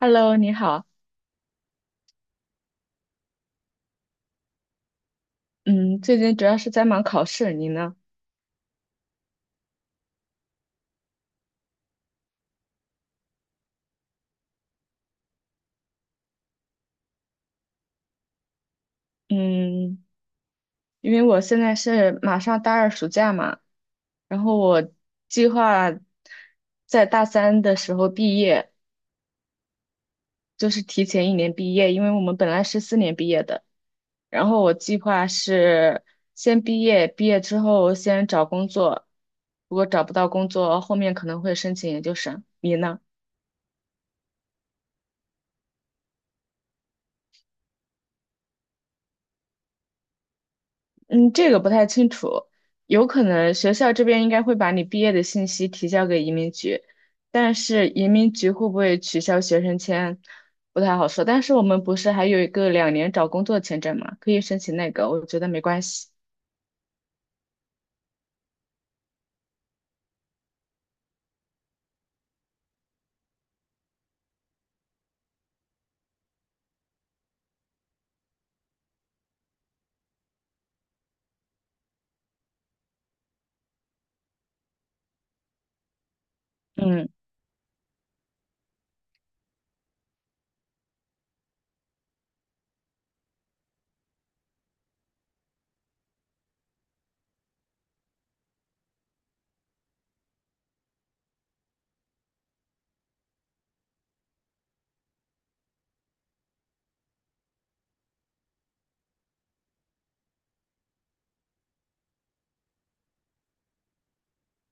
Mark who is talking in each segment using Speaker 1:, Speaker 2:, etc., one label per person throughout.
Speaker 1: Hello，你好。嗯，最近主要是在忙考试，你呢？嗯，因为我现在是马上大二暑假嘛，然后我计划在大三的时候毕业，就是提前一年毕业，因为我们本来是4年毕业的。然后我计划是先毕业，毕业之后先找工作，如果找不到工作，后面可能会申请研究生。你呢？嗯，这个不太清楚，有可能学校这边应该会把你毕业的信息提交给移民局，但是移民局会不会取消学生签，不太好说。但是我们不是还有一个2年找工作签证嘛，可以申请那个，我觉得没关系。嗯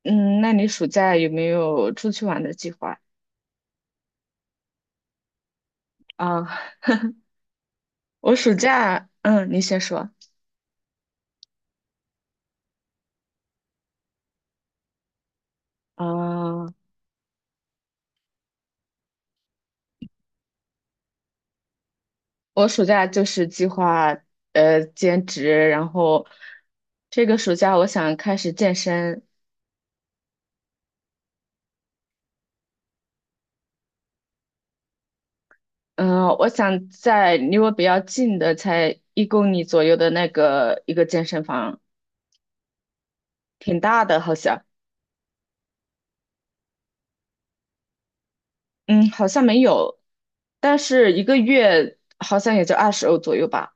Speaker 1: 嗯，那你暑假有没有出去玩的计划啊？我暑假，嗯，你先说。啊，我暑假就是计划兼职，然后这个暑假我想开始健身，嗯，我想在离我比较近的，才1公里左右的那个一个健身房，挺大的，好像，嗯，好像没有，但是一个月好像也就20欧左右吧。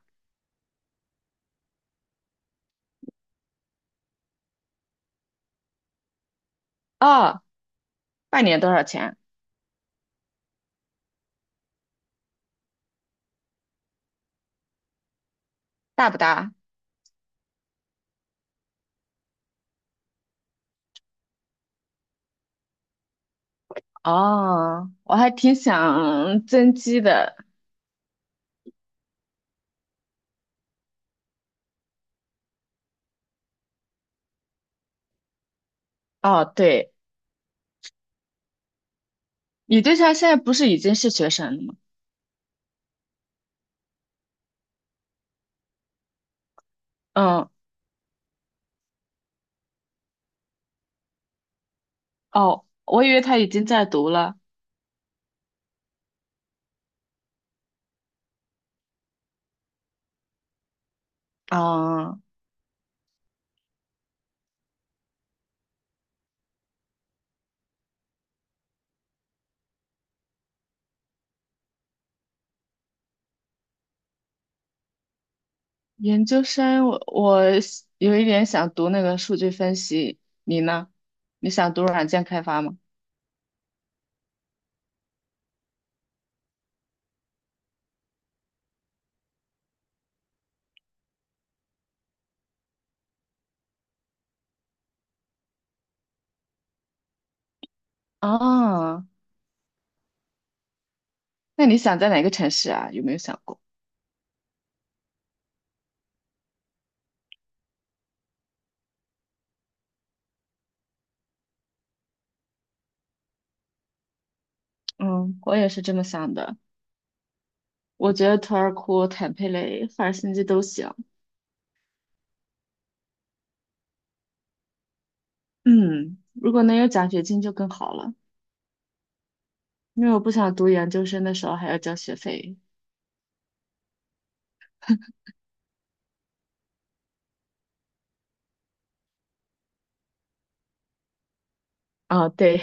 Speaker 1: 啊，半年多少钱？大不大？哦，我还挺想增肌的。哦，对，你对象现在不是已经是学生了吗？嗯，哦，我以为他已经在读了。哦，研究生，我是有一点想读那个数据分析，你呢？你想读软件开发吗？啊，那你想在哪个城市啊？有没有想过？嗯，我也是这么想的。我觉得图尔库、坦佩雷、赫尔辛基都行。嗯，如果能有奖学金就更好了，因为我不想读研究生的时候还要交学费。啊，对，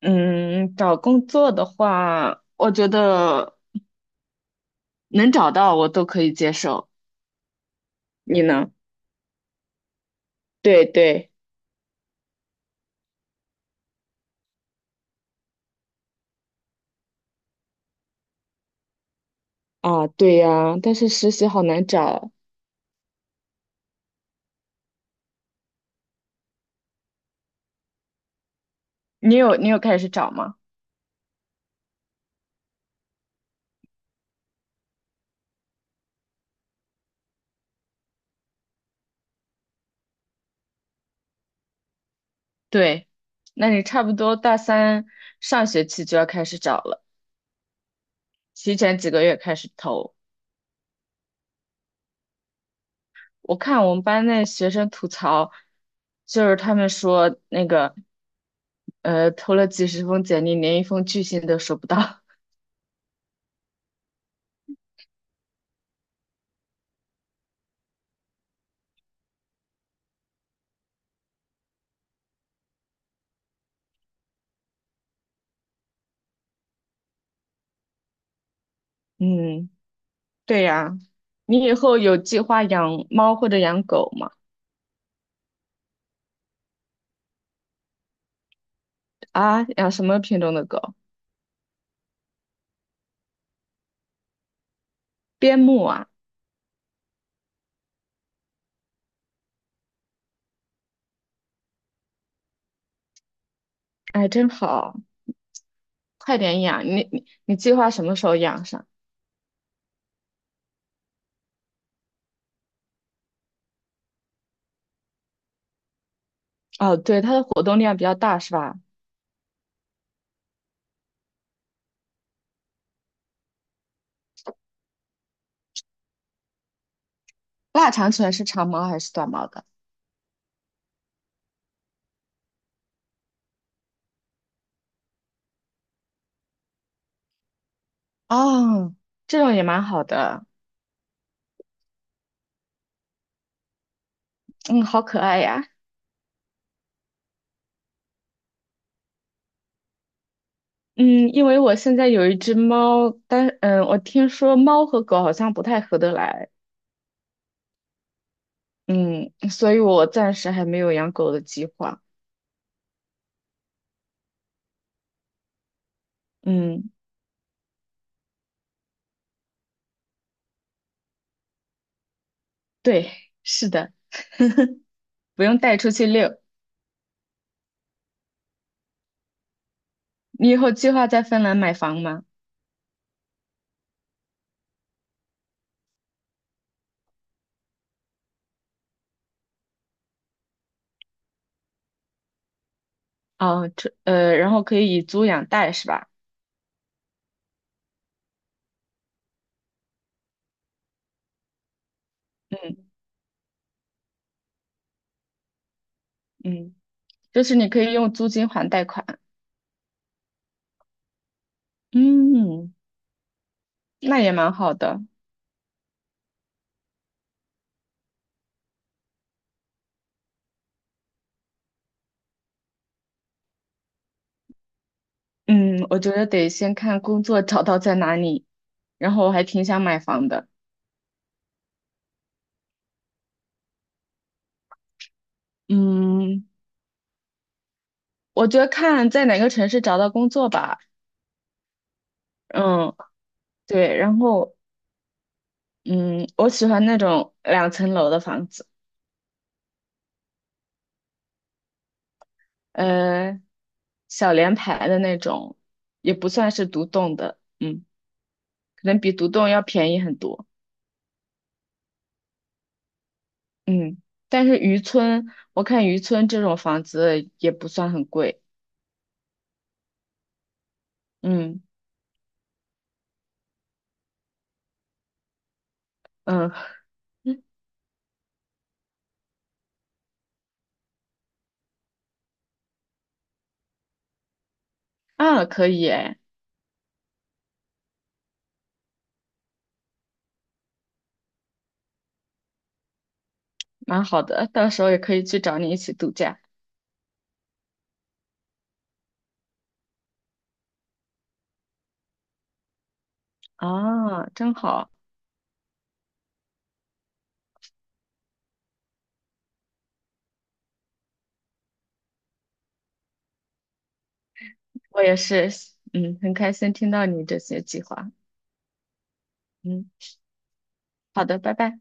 Speaker 1: 嗯，找工作的话，我觉得能找到我都可以接受。你呢？对对。啊，对呀，但是实习好难找。你有开始找吗？对，那你差不多大三上学期就要开始找了，提前几个月开始投。我看我们班那学生吐槽，就是他们说那个，投了几十封简历，连一封拒信都收不到。嗯，对呀，你以后有计划养猫或者养狗吗？啊，养什么品种的狗？边牧啊，哎，真好。快点养，你计划什么时候养上？哦，对，它的活动量比较大是吧？腊肠犬是长毛还是短毛的？哦，这种也蛮好的，嗯，好可爱呀。嗯，因为我现在有一只猫，但我听说猫和狗好像不太合得来，嗯，所以我暂时还没有养狗的计划。嗯，对，是的，不用带出去遛。你以后计划在芬兰买房吗？哦，这然后可以以租养贷是吧？嗯嗯。就是你可以用租金还贷款。嗯，那也蛮好的。嗯，我觉得得先看工作找到在哪里，然后我还挺想买房的。嗯，我觉得看在哪个城市找到工作吧。嗯，对，然后嗯，我喜欢那种2层楼的房子，呃，小联排的那种，也不算是独栋的，嗯，可能比独栋要便宜很多。嗯，但是渔村，我看渔村这种房子也不算很贵。嗯嗯嗯 啊，可以哎，蛮好的，到时候也可以去找你一起度假啊，真好。我也是，嗯，很开心听到你这些计划。嗯，好的，拜拜。